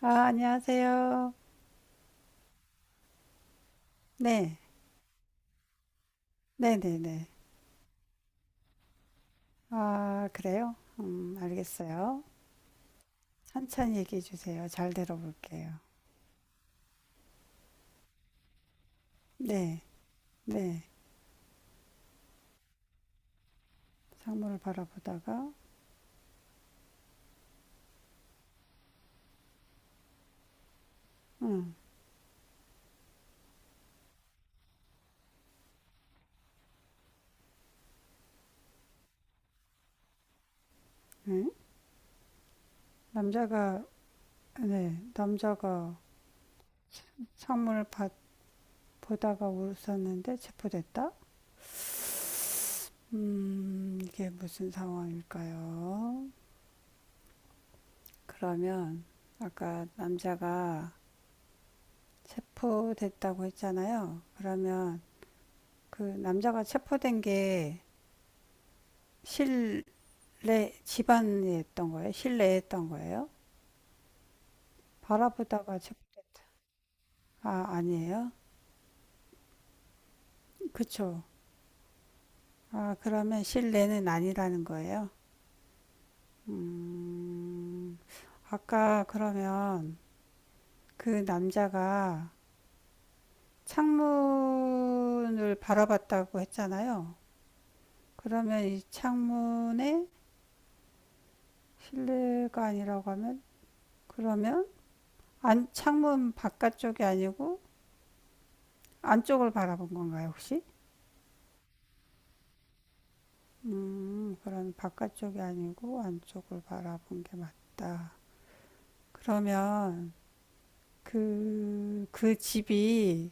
아, 안녕하세요. 네, 네네네. 아, 그래요? 알겠어요. 천천히 얘기해 주세요. 잘 들어볼게요. 네, 네. 상물을 바라보다가, 음, 네. 남자가, 네, 남자가 상물을 봐- 보다가 울었었는데 체포됐다? 이게 무슨 상황일까요? 그러면, 아까 남자가 체포됐다고 했잖아요. 그러면, 그 남자가 체포된 게 실내 집안이 했던 거예요? 실내에 했던 거예요? 바라보다가 저- 아, 아니에요? 그쵸. 아, 그러면 실내는 아니라는 거예요? 음, 아까 그러면 그 남자가 창문을 바라봤다고 했잖아요. 그러면 이 창문에 실내가 아니라고 하면 그러면 안, 창문 바깥쪽이 아니고 안쪽을 바라본 건가요, 혹시? 그런 바깥쪽이 아니고 안쪽을 바라본 게 맞다. 그러면 그 집이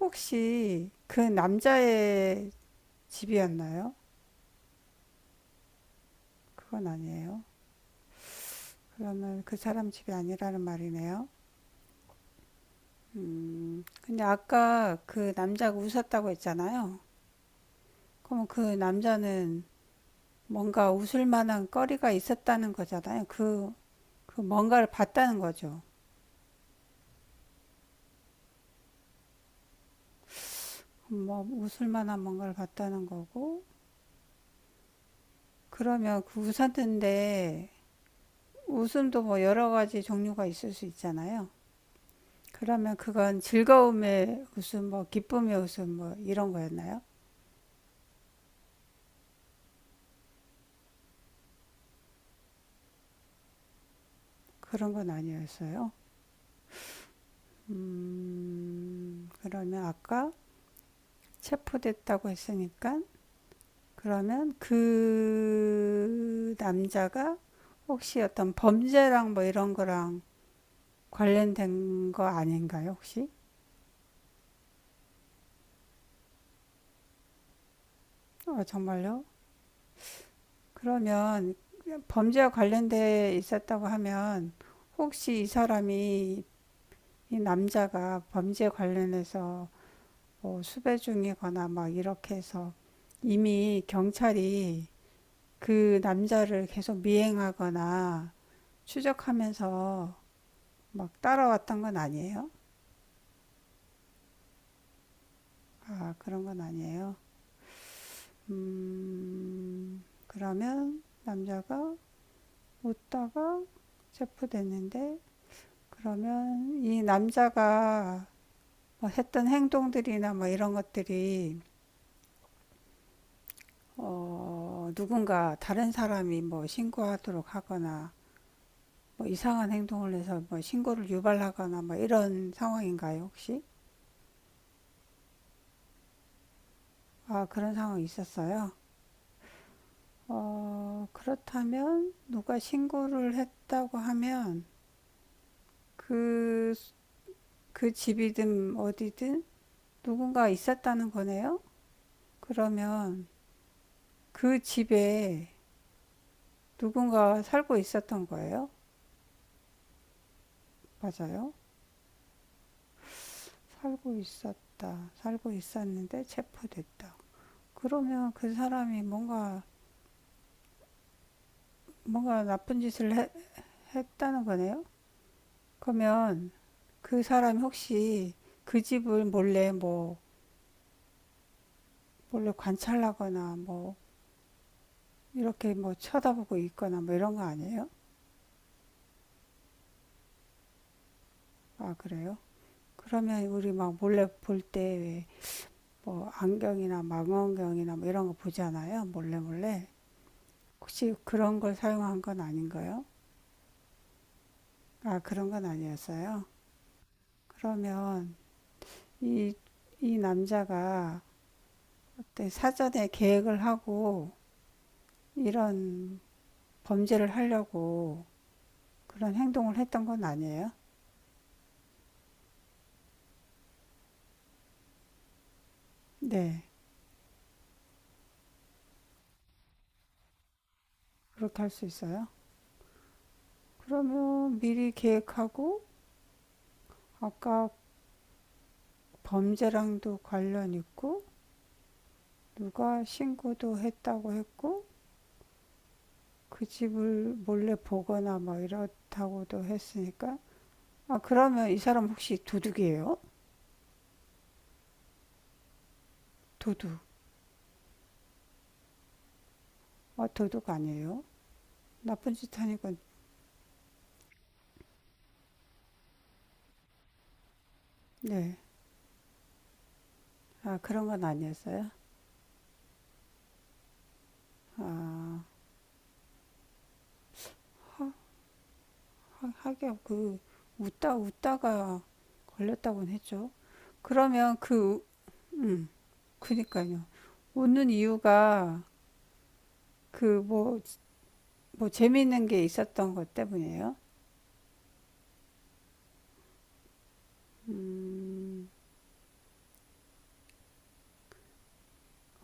혹시 그 남자의 집이었나요? 그건 아니에요. 그러면 그 사람 집이 아니라는 말이네요. 근데 아까 그 남자가 웃었다고 했잖아요. 그러면 그 남자는 뭔가 웃을 만한 거리가 있었다는 거잖아요. 그, 그 뭔가를 봤다는 거죠. 뭐 웃을 만한 뭔가를 봤다는 거고, 그러면 그 우산인데 웃음도 뭐 여러 가지 종류가 있을 수 있잖아요. 그러면 그건 즐거움의 웃음, 뭐 기쁨의 웃음, 뭐 이런 거였나요? 그런 건 아니었어요. 그러면 아까 체포됐다고 했으니까 그러면 그 남자가 혹시 어떤 범죄랑 뭐 이런 거랑 관련된 거 아닌가요, 혹시? 어, 정말요? 그러면 범죄와 관련돼 있었다고 하면 혹시 이 사람이 이 남자가 범죄 관련해서 뭐 수배 중이거나 막 이렇게 해서 이미 경찰이 그 남자를 계속 미행하거나 추적하면서 막 따라왔던 건 아니에요? 아, 그런 건 아니에요. 그러면 남자가 웃다가 체포됐는데 그러면 이 남자가 뭐 했던 행동들이나 뭐 이런 것들이 어, 누군가 다른 사람이 뭐 신고하도록 하거나 뭐 이상한 행동을 해서 뭐 신고를 유발하거나 뭐 이런 상황인가요, 혹시? 아, 그런 상황이 있었어요. 어, 그렇다면 누가 신고를 했다고 하면 그, 그 집이든 어디든 누군가 있었다는 거네요? 그러면 그 집에 누군가 살고 있었던 거예요? 맞아요. 살고 있었다. 살고 있었는데 체포됐다. 그러면 그 사람이 뭔가, 뭔가 했다는 거네요? 그러면 그 사람이 혹시 그 집을 몰래 뭐, 몰래 관찰하거나 뭐, 이렇게 뭐 쳐다보고 있거나 뭐 이런 거 아니에요? 아, 그래요? 그러면 우리 막 몰래 볼 때 왜 뭐 안경이나 망원경이나 뭐 이런 거 보잖아요. 몰래 몰래. 혹시 그런 걸 사용한 건 아닌가요? 아, 그런 건 아니었어요. 그러면 이, 이 남자가 때 사전에 계획을 하고 이런 범죄를 하려고 그런 행동을 했던 건 아니에요? 네, 그렇게 할 수 있어요. 그러면 미리 계획하고 아까 범죄랑도 관련 있고 누가 신고도 했다고 했고 그 집을 몰래 보거나 뭐 이렇다고도 했으니까 아, 그러면 이 사람 혹시 도둑이에요? 도둑. 아, 도둑 아니에요? 나쁜 짓 하니까, 네. 아, 그런 건 아니었어요? 아, 하- 긴 그, 웃다가 걸렸다고는 했죠. 그러면 그, 그니까요. 웃는 이유가 그 뭐, 뭐 재미있는 게 있었던 것 때문이에요? 음,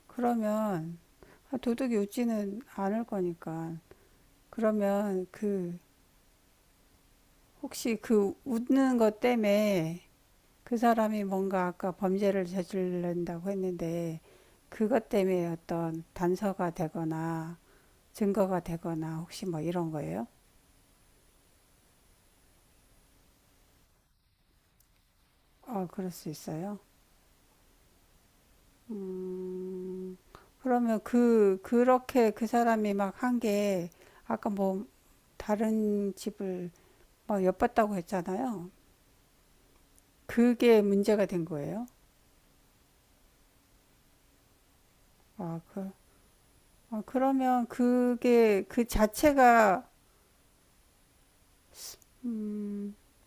그러면, 아, 도둑이 웃지는 않을 거니까. 그러면 그, 혹시 그 웃는 것 때문에 그 사람이 뭔가 아까 범죄를 저지른다고 했는데 그것 때문에 어떤 단서가 되거나 증거가 되거나 혹시 뭐 이런 거예요? 어, 그럴 수 있어요. 음, 그러면 그, 그렇게 그 사람이 막 한 게 아까 뭐 다른 집을 막 엿봤다고 했잖아요. 그게 문제가 된 거예요. 아, 그, 아, 그러면 그게 그 자체가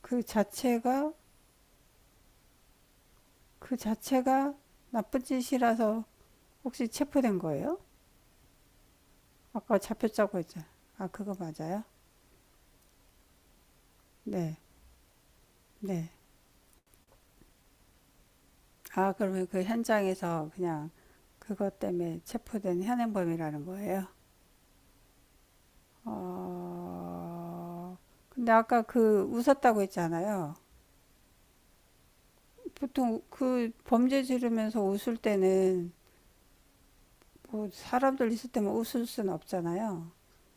그 자체가 그 자체가 나쁜 짓이라서 혹시 체포된 거예요? 아까 잡혔다고 했잖아요. 아, 그거 맞아요? 네, 네. 아, 그러면 그 현장에서 그냥 그것 때문에 체포된 현행범이라는 거예요? 어, 근데 아까 그 웃었다고 했잖아요. 보통 그 범죄 지르면서 웃을 때는 뭐 사람들 있을 때만 웃을 수는 없잖아요.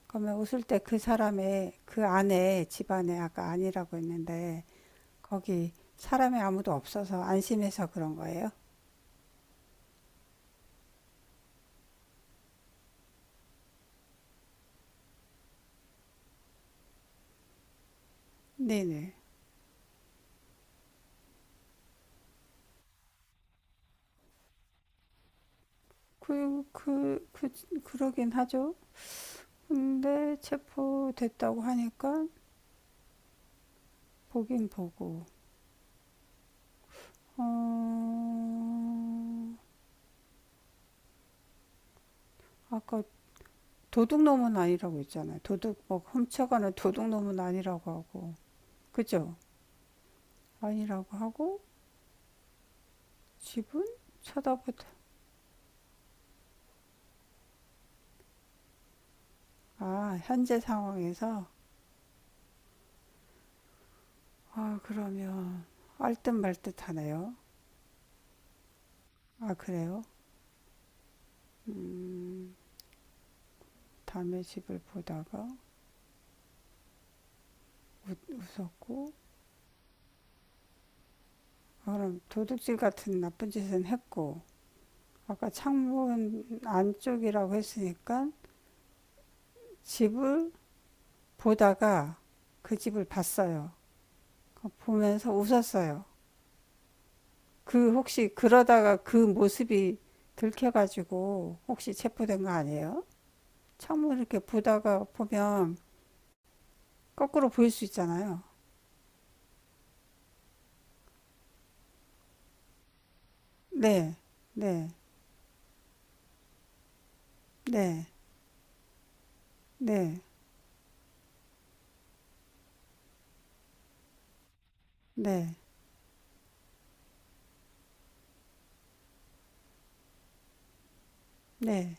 그러면 웃을 때 그 사람의 그 안에 집안에 아까 아니라고 했는데 거기 사람이 아무도 없어서 안심해서 그런 거예요? 네네. 그, 그, 그, 그러긴 하죠. 근데 체포됐다고 하니까 보긴 보고, 어, 아까 도둑놈은 아니라고 했잖아요. 도둑, 뭐, 훔쳐가는 도둑놈은 아니라고 하고, 그죠? 아니라고 하고, 집은 쳐다보다. 아, 현재 상황에서? 아, 그러면, 알듯말듯 하네요. 아, 그래요? 음. 남의 집을 보다가 웃었고 그럼 도둑질 같은 나쁜 짓은 했고 아까 창문 안쪽이라고 했으니까 집을 보다가 그 집을 봤어요. 그 보면서 웃었어요. 그 혹시 그러다가 그 모습이 들켜가지고 혹시 체포된 거 아니에요? 창문 이렇게 보다가 보면 거꾸로 보일 수 있잖아요. 네, 네, 네, 네, 네, 네.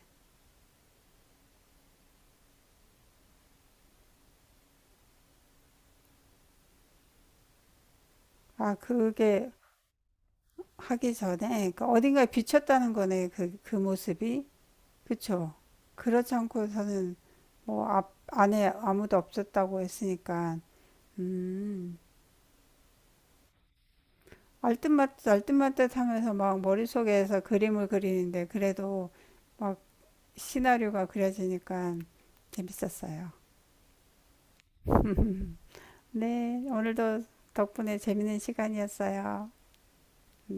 아, 그게 하기 전에 그 어딘가에 비쳤다는 거네 그, 그 모습이 그쵸. 그렇지 않고서는 뭐 앞, 안에 아무도 없었다고 했으니까 음 알뜻말뜻 하면서 막 머릿속에서 그림을 그리는데 그래도 막 시나리오가 그려지니까 재밌었어요. 네, 오늘도 덕분에 재밌는 시간이었어요. 네.